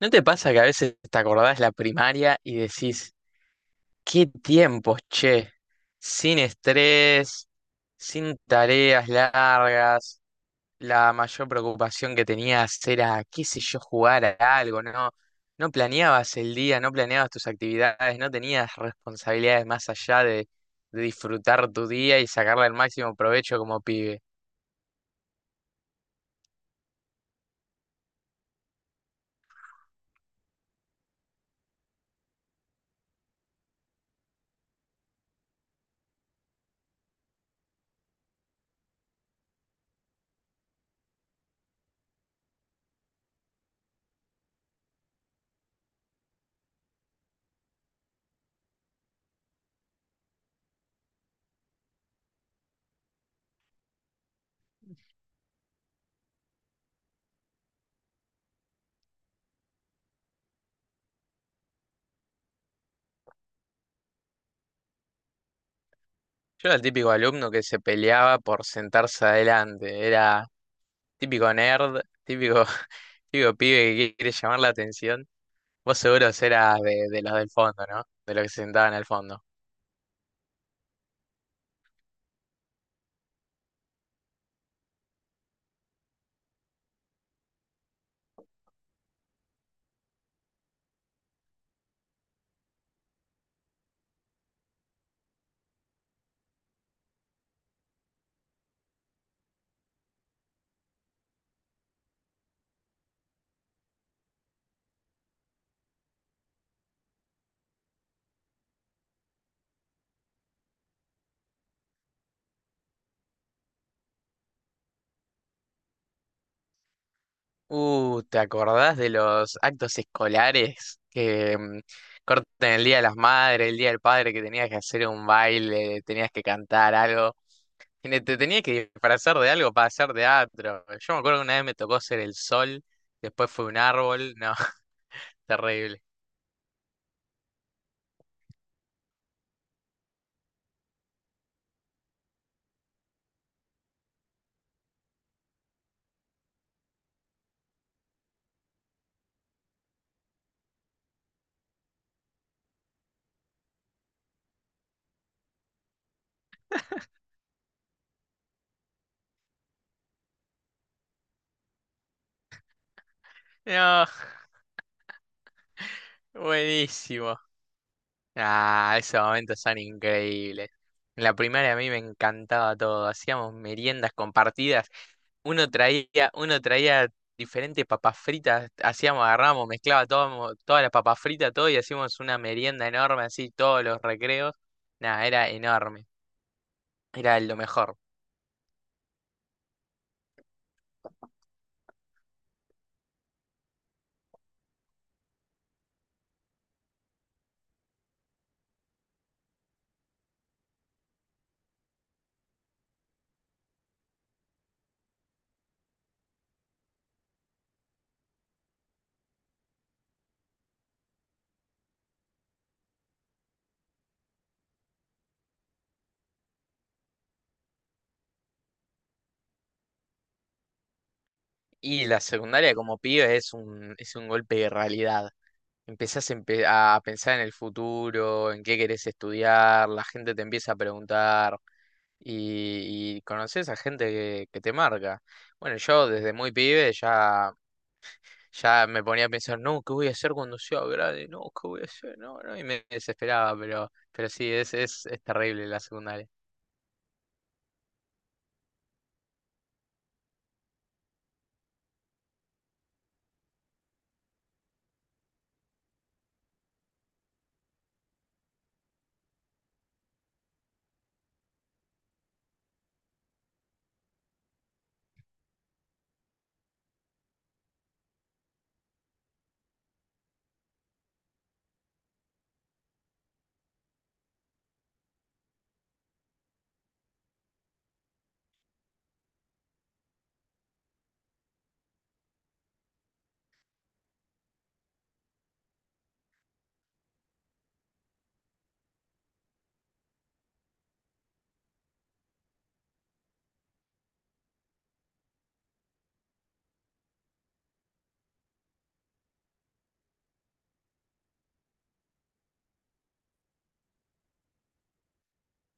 ¿No te pasa que a veces te acordás la primaria y decís, qué tiempos, che? Sin estrés, sin tareas largas, la mayor preocupación que tenías era, qué sé yo, jugar a algo, ¿no? No planeabas el día, no planeabas tus actividades, no tenías responsabilidades más allá de disfrutar tu día y sacarle el máximo provecho como pibe. Yo era el típico alumno que se peleaba por sentarse adelante, era... Típico nerd, típico, típico pibe que quiere llamar la atención. Vos seguro serás de los del fondo, ¿no? De los que se sentaban al fondo. ¿Te acordás de los actos escolares que cortan el Día de las Madres, el Día del Padre, que tenías que hacer un baile, tenías que cantar algo? Y te tenías que disfrazar de algo para hacer teatro. Yo me acuerdo que una vez me tocó ser el sol, después fue un árbol. No, terrible. No, buenísimo. Ah, esos momentos son increíbles. En la primaria a mí me encantaba todo. Hacíamos meriendas compartidas. Uno traía diferentes papas fritas. Hacíamos, agarramos, mezclaba todo, todas las papas fritas, todo y hacíamos una merienda enorme así, todos los recreos. Nada, era enorme. Era lo mejor. Y la secundaria como pibe es un golpe de realidad. A pensar en el futuro, en qué querés estudiar, la gente te empieza a preguntar. Y conoces a gente que te marca. Bueno, yo desde muy pibe ya, ya me ponía a pensar, no, ¿qué voy a hacer cuando sea grande? No, ¿qué voy a hacer? No, no, y me desesperaba, pero sí, es terrible la secundaria.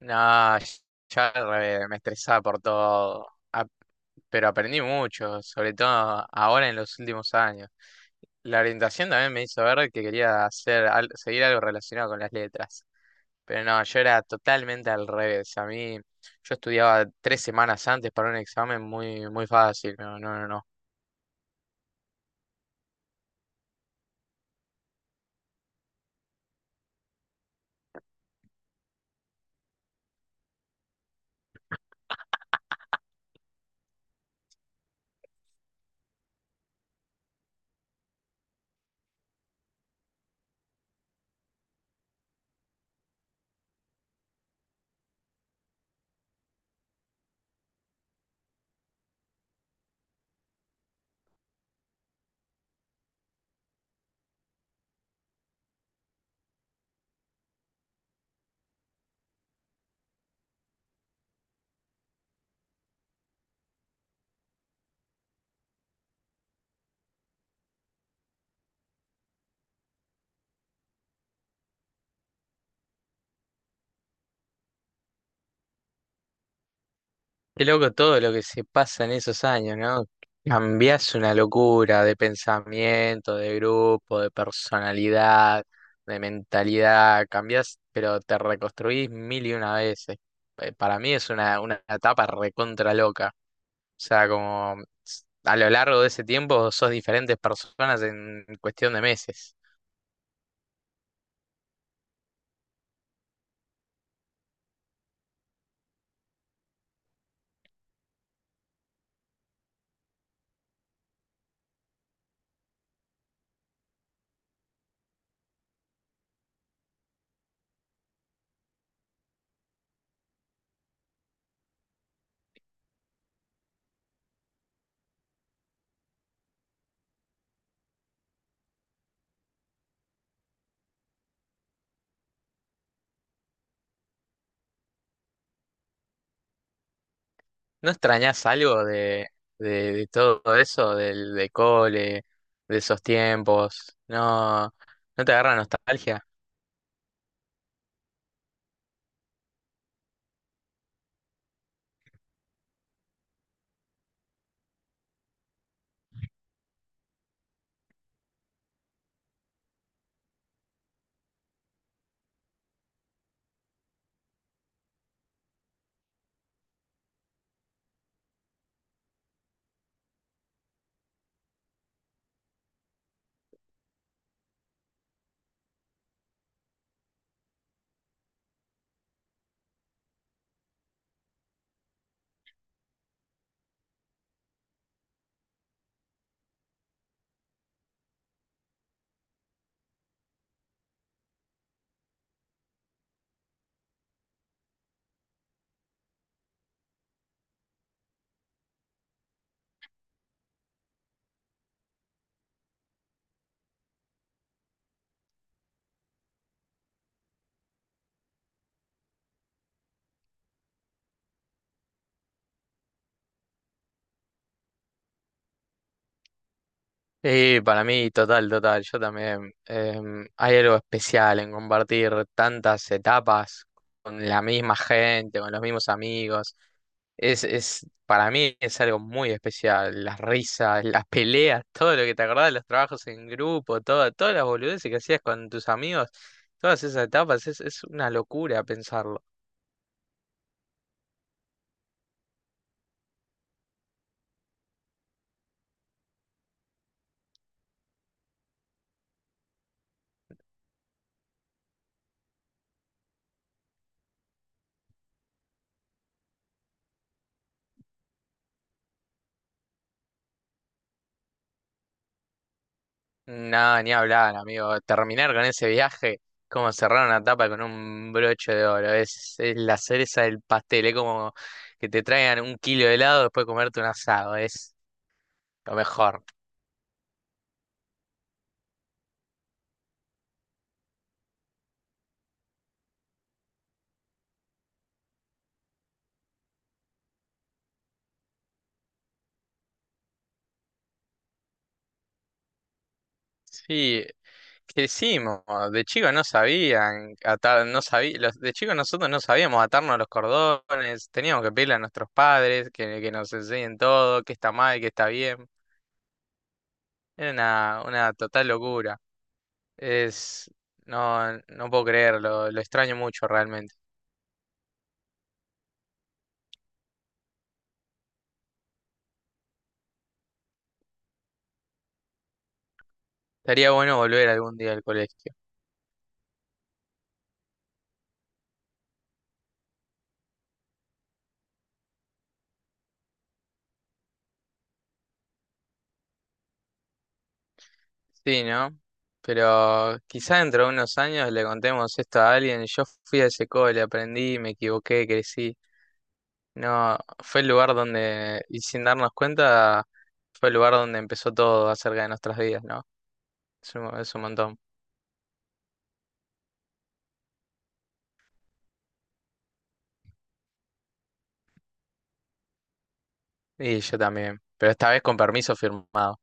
No, ya me estresaba por todo. A- pero aprendí mucho, sobre todo ahora en los últimos años. La orientación también me hizo ver que quería hacer, seguir algo relacionado con las letras. Pero no, yo era totalmente al revés. A mí, yo estudiaba tres semanas antes para un examen muy, muy fácil. No, no, no, no. Qué loco todo lo que se pasa en esos años, ¿no? Cambiás una locura de pensamiento, de grupo, de personalidad, de mentalidad. Cambiás, pero te reconstruís mil y una veces. Para mí es una etapa recontra loca. O sea, como a lo largo de ese tiempo sos diferentes personas en cuestión de meses. ¿No extrañas algo de, de todo eso, del de cole, de esos tiempos? ¿No, no te agarra nostalgia? Sí, para mí, total, total. Yo también. Hay algo especial en compartir tantas etapas con la misma gente, con los mismos amigos. Es, para mí es algo muy especial. Las risas, las peleas, todo lo que te acordás, los trabajos en grupo, todo, todas las boludeces que hacías con tus amigos, todas esas etapas, es una locura pensarlo. No, ni hablar, amigo. Terminar con ese viaje, como cerrar una tapa con un broche de oro. Es la cereza del pastel. Es como que te traigan un kilo de helado después de comerte un asado. Es lo mejor. Sí, crecimos. De chicos no sabían atar, no sabí, los, de chicos nosotros no sabíamos atarnos los cordones. Teníamos que pedirle a nuestros padres que nos enseñen todo, qué está mal, qué está bien. Era una total locura. Es, no, no puedo creerlo, lo extraño mucho realmente. Estaría bueno volver algún día al colegio. Sí, ¿no? Pero quizá dentro de unos años le contemos esto a alguien. Yo fui a ese cole, aprendí, me equivoqué, crecí. No, fue el lugar donde, y sin darnos cuenta, fue el lugar donde empezó todo acerca de nuestras vidas, ¿no? Es un montón. Y yo también, pero esta vez con permiso firmado.